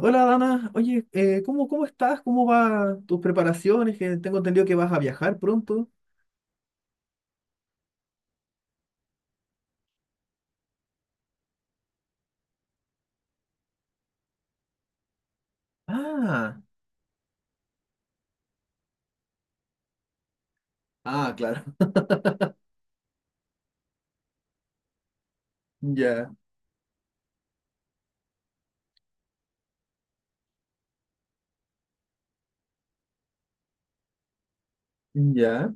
Hola Dana, oye, ¿cómo estás? ¿Cómo van tus preparaciones? Que tengo entendido que vas a viajar pronto. Ah, ah, claro, ya, ya,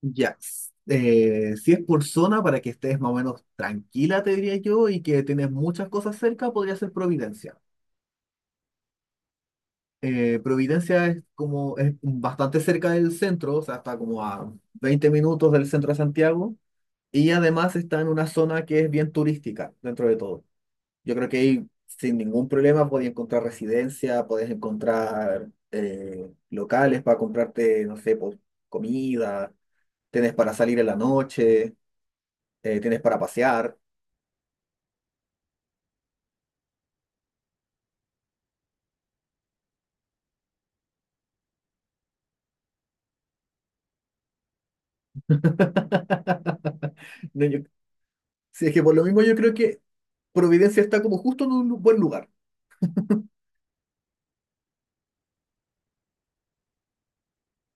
ya. Si es por zona, para que estés más o menos tranquila, te diría yo, y que tienes muchas cosas cerca, podría ser Providencia. Providencia es como, es bastante cerca del centro, o sea, está como a 20 minutos del centro de Santiago, y además está en una zona que es bien turística dentro de todo. Yo creo que ahí sin ningún problema podías encontrar residencia, podías encontrar locales para comprarte, no sé, pues, comida, tienes para salir en la noche, tienes para pasear. No, yo- sí, es que por lo mismo yo creo que Providencia está como justo en un buen lugar.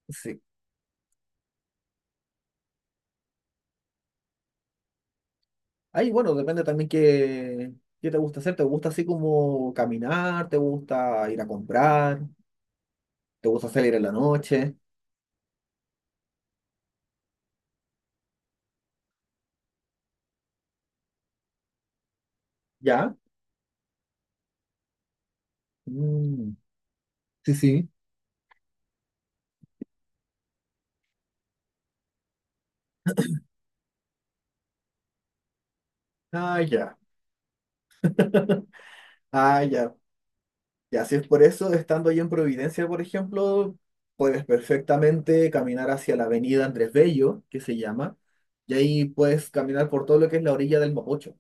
Sí. Ahí, bueno, depende también qué te gusta hacer. ¿Te gusta así como caminar? ¿Te gusta ir a comprar? ¿Te gusta salir en la noche? ¿Ya? Mm, sí, sí. Ah, ya. Ah, ya. Ya, si es por eso, estando ahí en Providencia, por ejemplo, puedes perfectamente caminar hacia la avenida Andrés Bello, que se llama, y ahí puedes caminar por todo lo que es la orilla del Mapocho,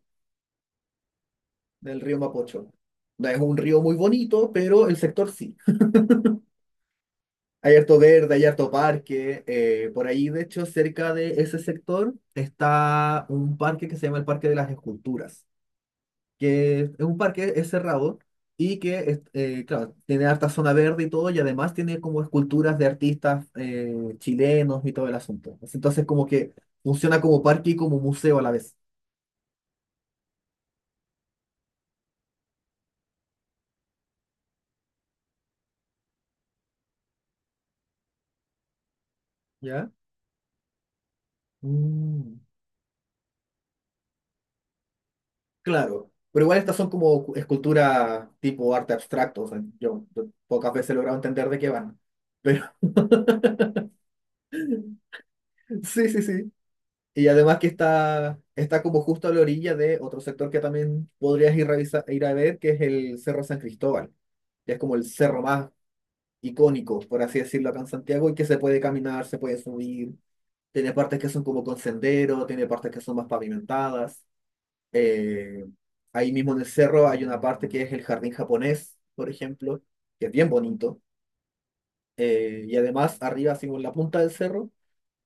del río Mapocho. No es un río muy bonito, pero el sector sí. Hay harto verde, hay harto parque. Por ahí, de hecho, cerca de ese sector está un parque que se llama el Parque de las Esculturas, que es un parque, es cerrado y que, claro, tiene harta zona verde y todo, y además tiene como esculturas de artistas chilenos y todo el asunto. Entonces, como que funciona como parque y como museo a la vez. ¿Ya? Mm, claro, pero igual estas son como esculturas tipo arte abstracto, o sea, yo pocas veces he logrado entender de qué van. Pero sí, sí, sí. Y además que está, está como justo a la orilla de otro sector que también podrías ir, ir a ver, que es el Cerro San Cristóbal, que es como el cerro más icónico, por así decirlo, acá en Santiago, y que se puede caminar, se puede subir. Tiene partes que son como con sendero, tiene partes que son más pavimentadas. Eh, Ahí mismo en el cerro hay una parte que es el jardín japonés, por ejemplo, que es bien bonito. Y además arriba, así como en la punta del cerro.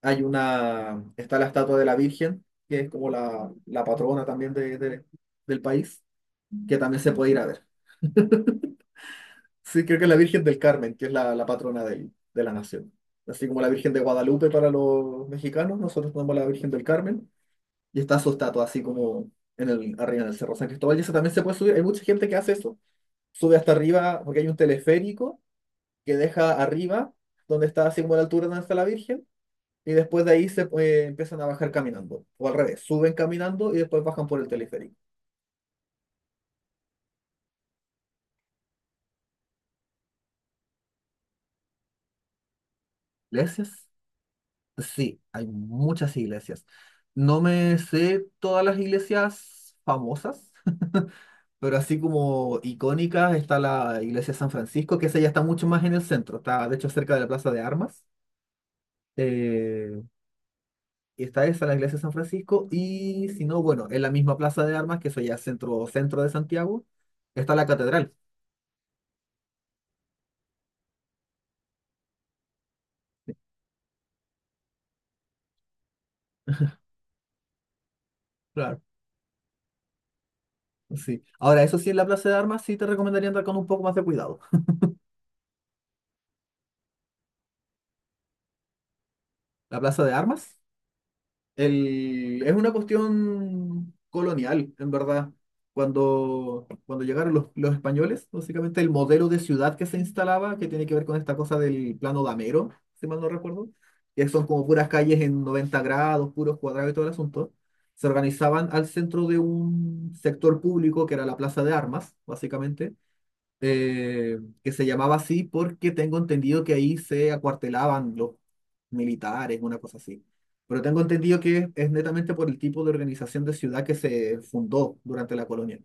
Hay una, está la estatua de la Virgen, que es como la patrona también del país, que también se puede ir a ver. Sí, creo que es la Virgen del Carmen, que es la patrona de la nación. Así como la Virgen de Guadalupe para los mexicanos, nosotros tenemos la Virgen del Carmen y está su estatua así como en el, arriba del Cerro San Cristóbal. Y eso también se puede subir. Hay mucha gente que hace eso. Sube hasta arriba porque hay un teleférico que deja arriba, donde está así como a la altura donde está la Virgen y después de ahí se empiezan a bajar caminando, o al revés, suben caminando y después bajan por el teleférico. ¿Iglesias? Sí, hay muchas iglesias. No me sé todas las iglesias famosas, pero así como icónicas está la iglesia de San Francisco, que esa ya está mucho más en el centro, está de hecho cerca de la Plaza de Armas. Eh, y está esa, la iglesia de San Francisco, y si no, bueno, en la misma Plaza de Armas, que eso ya es centro, centro de Santiago, está la catedral. Claro. Sí. Ahora, eso sí, en la plaza de armas sí te recomendaría andar con un poco más de cuidado. La plaza de armas es una cuestión colonial, en verdad. Cuando llegaron los españoles, básicamente el modelo de ciudad que se instalaba, que tiene que ver con esta cosa del plano damero, si mal no recuerdo, que son como puras calles en 90 grados, puros cuadrados y todo el asunto, se organizaban al centro de un sector público que era la plaza de armas, básicamente. Que se llamaba así porque tengo entendido que ahí se acuartelaban los militares, una cosa así. Pero tengo entendido que es netamente por el tipo de organización de ciudad que se fundó durante la colonia.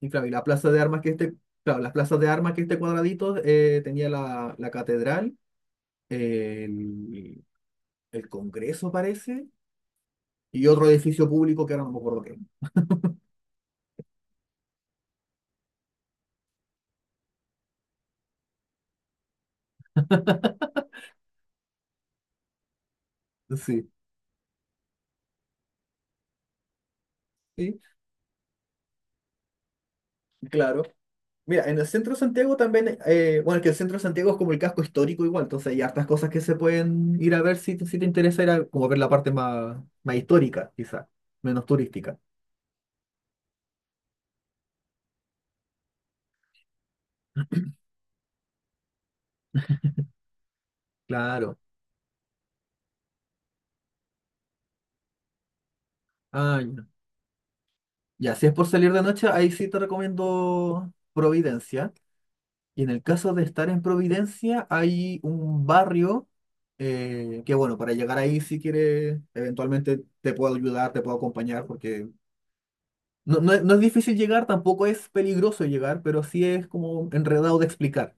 Y claro, y la plaza de armas que este, claro, las plazas de armas que este cuadradito tenía la catedral, el, el Congreso parece, y otro edificio público que ahora no me acuerdo qué. Sí, sí, claro. Mira, en el centro de Santiago también, bueno, es que el centro de Santiago es como el casco histórico igual, entonces hay hartas cosas que se pueden ir a ver si, si te interesa, era como ver la parte más, más histórica, quizá, menos turística. Claro. Ah, ya. Ya, si es por salir de noche, ahí sí te recomiendo Providencia. Y en el caso de estar en Providencia, hay un barrio que, bueno, para llegar ahí, si quieres, eventualmente te puedo ayudar, te puedo acompañar, porque no, no, es no es difícil llegar, tampoco es peligroso llegar, pero sí es como enredado de explicar,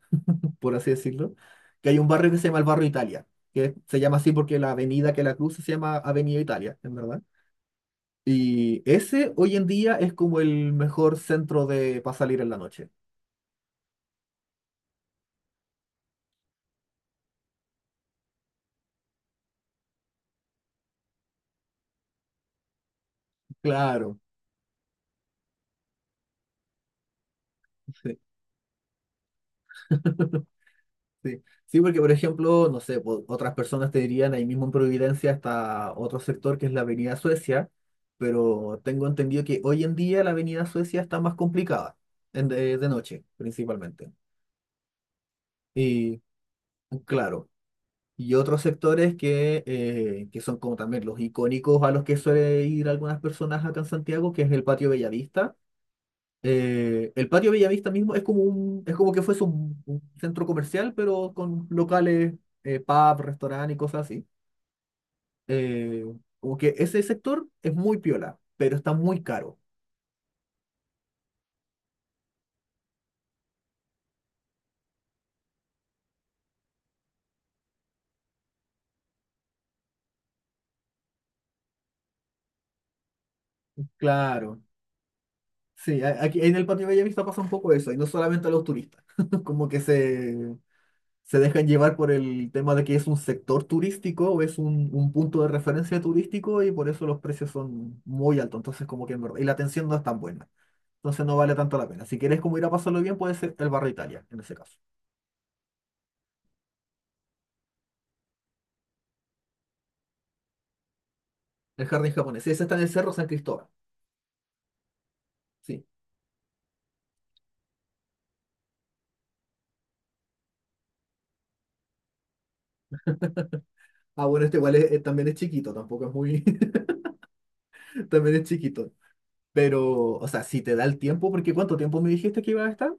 por así decirlo, que hay un barrio que se llama el barrio Italia, que se llama así porque la avenida que la cruza se llama Avenida Italia, en verdad. Y ese hoy en día es como el mejor centro de para salir en la noche. Claro. Sí. Sí. Sí, porque por ejemplo, no sé, otras personas te dirían ahí mismo en Providencia hasta otro sector que es la Avenida Suecia, pero tengo entendido que hoy en día la Avenida Suecia está más complicada, en de noche principalmente. Y claro, y otros sectores que son como también los icónicos a los que suele ir algunas personas acá en Santiago, que es el Patio Bellavista. El patio Bellavista mismo es como es como que fuese un centro comercial, pero con locales, pub, restaurante y cosas así. Eh, Como que ese sector es muy piola, pero está muy caro. Claro. Sí, aquí en el patio Bellavista pasa un poco eso, y no solamente a los turistas, como que se dejan llevar por el tema de que es un sector turístico o es un punto de referencia turístico y por eso los precios son muy altos, entonces como que en verdad- y la atención no es tan buena. Entonces no vale tanto la pena. Si quieres como ir a pasarlo bien, puede ser el barrio Italia, en ese caso. El jardín japonés. Sí, ese está en el Cerro San Cristóbal. Sí. Ah, bueno, este igual también es chiquito, tampoco es muy... también es chiquito. Pero, o sea, si te da el tiempo, porque ¿cuánto tiempo me dijiste que iba a estar?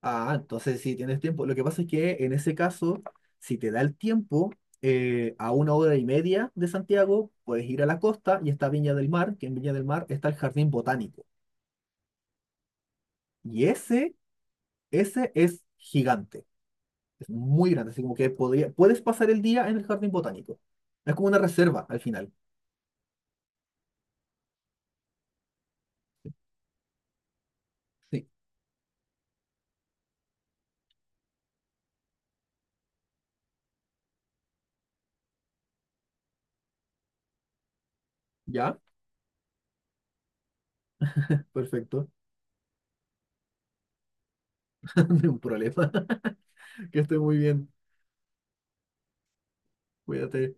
Ah, entonces si tienes tiempo. Lo que pasa es que en ese caso, si te da el tiempo, a una hora y media de Santiago, puedes ir a la costa y está Viña del Mar, que en Viña del Mar está el jardín botánico. Y ese es gigante. Es muy grande, así como que puedes pasar el día en el jardín botánico. Es como una reserva al final. Sí. ¿Ya? Perfecto. No hay un problema. Que esté muy bien. Cuídate.